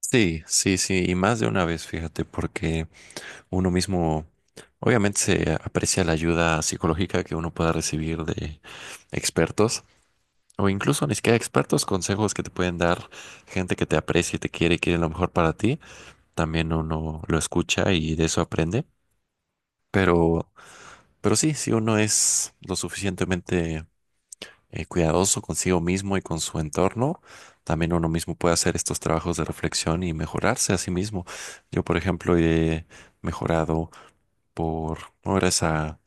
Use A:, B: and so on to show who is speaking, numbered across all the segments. A: Sí, sí, sí, y más de una vez, fíjate, porque uno mismo, obviamente se aprecia la ayuda psicológica que uno pueda recibir de expertos, o incluso ni siquiera expertos, consejos que te pueden dar gente que te aprecia y te quiere y quiere lo mejor para ti, también uno lo escucha y de eso aprende, pero, pero sí, si uno es lo suficientemente cuidadoso consigo mismo y con su entorno, también uno mismo puede hacer estos trabajos de reflexión y mejorarse a sí mismo. Yo, por ejemplo, he mejorado por, no, gracias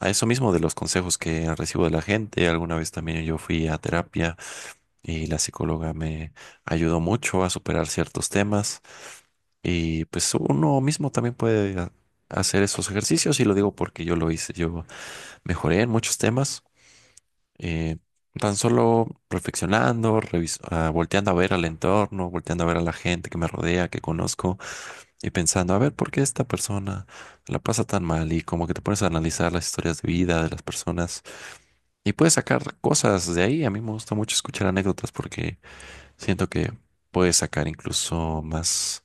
A: a eso mismo de los consejos que recibo de la gente. Alguna vez también yo fui a terapia y la psicóloga me ayudó mucho a superar ciertos temas y pues uno mismo también puede hacer esos ejercicios y lo digo porque yo lo hice, yo mejoré en muchos temas eh, tan solo reflexionando, volteando a ver al entorno, volteando a ver a la gente que me rodea, que conozco, y pensando, a ver, ¿por qué esta persona la pasa tan mal? Y como que te pones a analizar las historias de vida de las personas y puedes sacar cosas de ahí. A mí me gusta mucho escuchar anécdotas porque siento que puedes sacar incluso más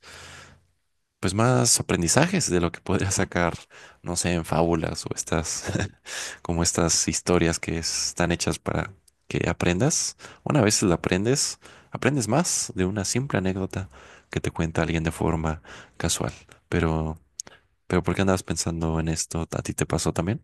A: pues más aprendizajes de lo que podría sacar, no sé, en fábulas o estas, como estas historias que están hechas para que aprendas. Una vez la aprendes, aprendes más de una simple anécdota que te cuenta alguien de forma casual. Pero, pero ¿por qué andabas pensando en esto? ¿A ti te pasó también?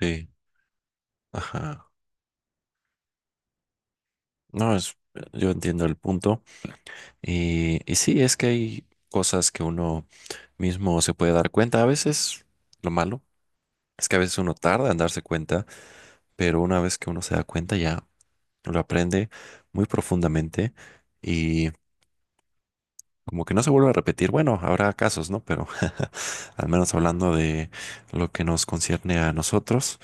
A: Sí. Ajá. No, es, yo entiendo el punto. Y sí, es que hay cosas que uno mismo se puede dar cuenta. A veces lo malo es que a veces uno tarda en darse cuenta, pero una vez que uno se da cuenta ya lo aprende muy profundamente y como que no se vuelve a repetir. Bueno, habrá casos, ¿no? Pero al menos hablando de lo que nos concierne a nosotros,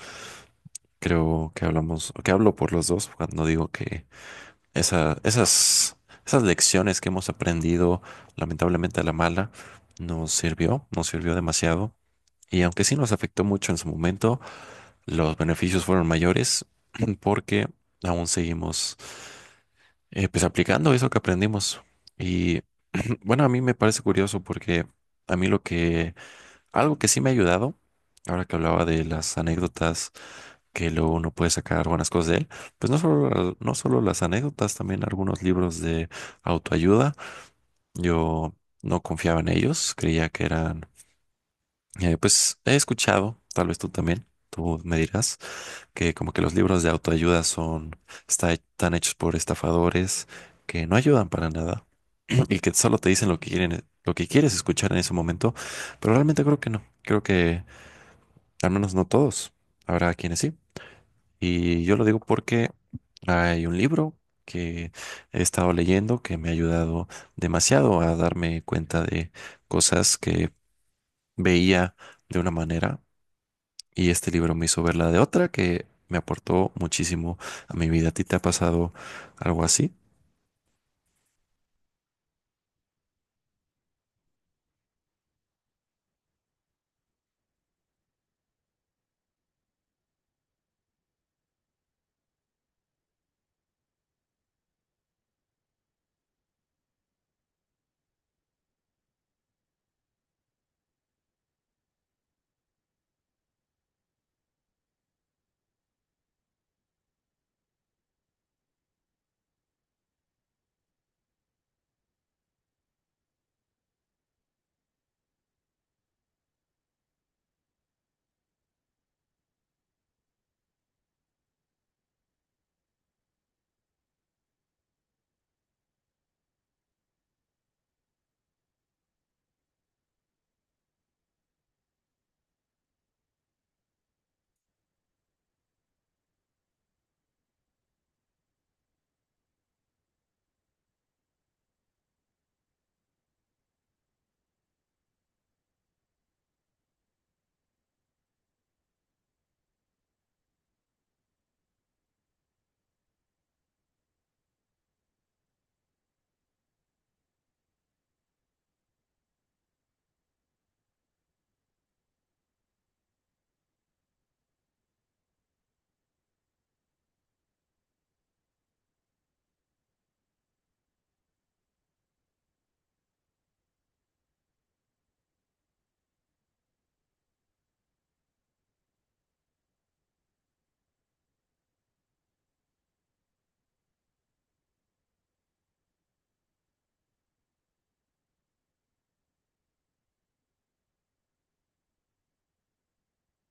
A: creo que hablamos, que hablo por los dos cuando digo que Esa- esas, esas lecciones que hemos aprendido, lamentablemente a la mala, nos sirvió demasiado. Y aunque sí nos afectó mucho en su momento, los beneficios fueron mayores porque aún seguimos pues aplicando eso que aprendimos. Y bueno, a mí me parece curioso porque a mí algo que sí me ha ayudado, ahora que hablaba de las anécdotas que luego uno puede sacar buenas cosas de él. No solo las anécdotas, también algunos libros de autoayuda. Yo no confiaba en ellos, creía que eran, pues he escuchado, tal vez tú también, tú me dirás, que como que los libros de autoayuda son, están hechos por estafadores que no ayudan para nada y que solo te dicen lo que quieren, lo que quieres escuchar en ese momento, pero realmente creo que no, creo que al menos no todos, habrá quienes sí. Y yo lo digo porque hay un libro que he estado leyendo que me ha ayudado demasiado a darme cuenta de cosas que veía de una manera y este libro me hizo verla de otra que me aportó muchísimo a mi vida. ¿A ti te ha pasado algo así?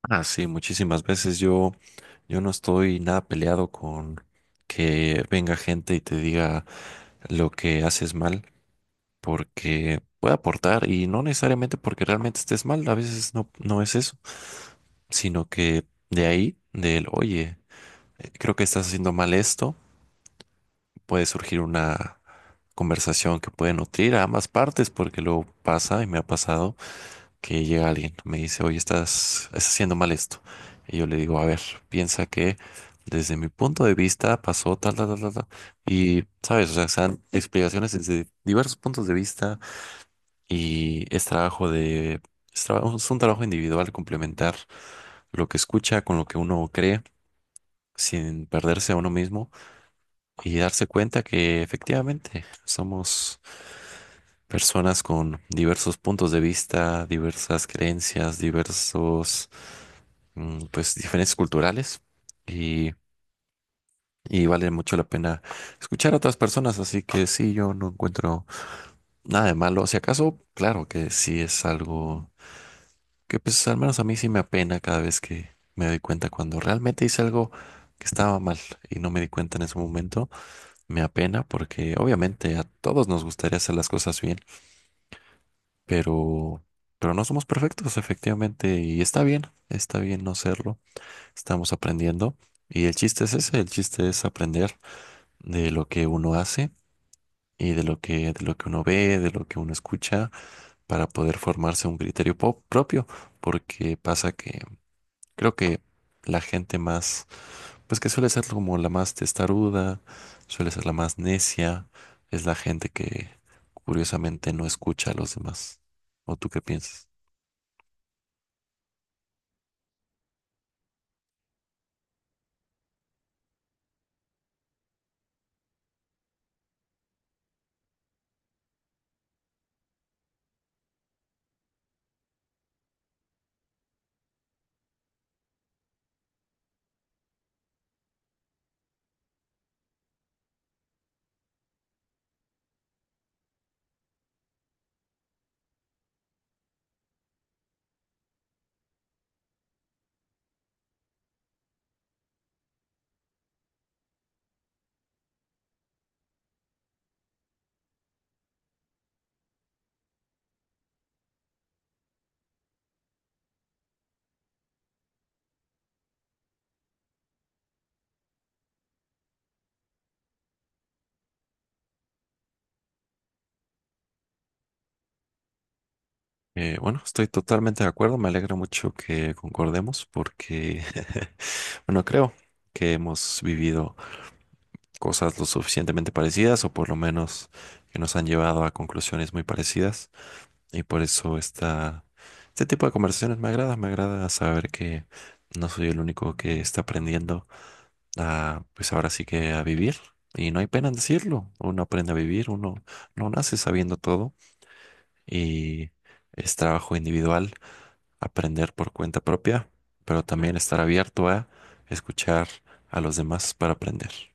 A: Ah, sí, muchísimas veces yo, yo no estoy nada peleado con que venga gente y te diga lo que haces mal, porque puede aportar y no necesariamente porque realmente estés mal, a veces no, no es eso, sino que de ahí, del, oye, creo que estás haciendo mal esto, puede surgir una conversación que puede nutrir a ambas partes, porque luego pasa y me ha pasado que llega alguien, me dice, oye, estás haciendo mal esto. Y yo le digo, a ver, piensa que desde mi punto de vista pasó tal, tal, tal, tal, tal". Y, sabes, o sea, sean explicaciones desde diversos puntos de vista y es trabajo de, es, trabajo- es un trabajo individual complementar lo que escucha con lo que uno cree sin perderse a uno mismo y darse cuenta que efectivamente somos personas con diversos puntos de vista, diversas creencias, diversos, pues, diferencias culturales y, y vale mucho la pena escuchar a otras personas. Así que sí, yo no encuentro nada de malo. Si acaso, claro que sí es algo que pues al menos a mí sí me apena cada vez que me doy cuenta cuando realmente hice algo que estaba mal y no me di cuenta en ese momento. Me apena porque obviamente a todos nos gustaría hacer las cosas bien, pero, pero no somos perfectos efectivamente y está bien no serlo. Estamos aprendiendo y el chiste es ese, el chiste es aprender de lo que uno hace y de lo que uno ve, de lo que uno escucha para poder formarse un criterio propio porque pasa que creo que la gente más, pues que suele ser como la más testaruda, suele ser la más necia, es la gente que curiosamente no escucha a los demás. ¿O tú qué piensas? Bueno, estoy totalmente de acuerdo, me alegra mucho que concordemos porque, bueno, creo que hemos vivido cosas lo suficientemente parecidas o por lo menos que nos han llevado a conclusiones muy parecidas y por eso está este tipo de conversaciones me agrada saber que no soy el único que está aprendiendo a, pues ahora sí que a vivir. Y no hay pena en decirlo. Uno aprende a vivir, uno no nace sabiendo todo y es trabajo individual aprender por cuenta propia, pero también estar abierto a escuchar a los demás para aprender.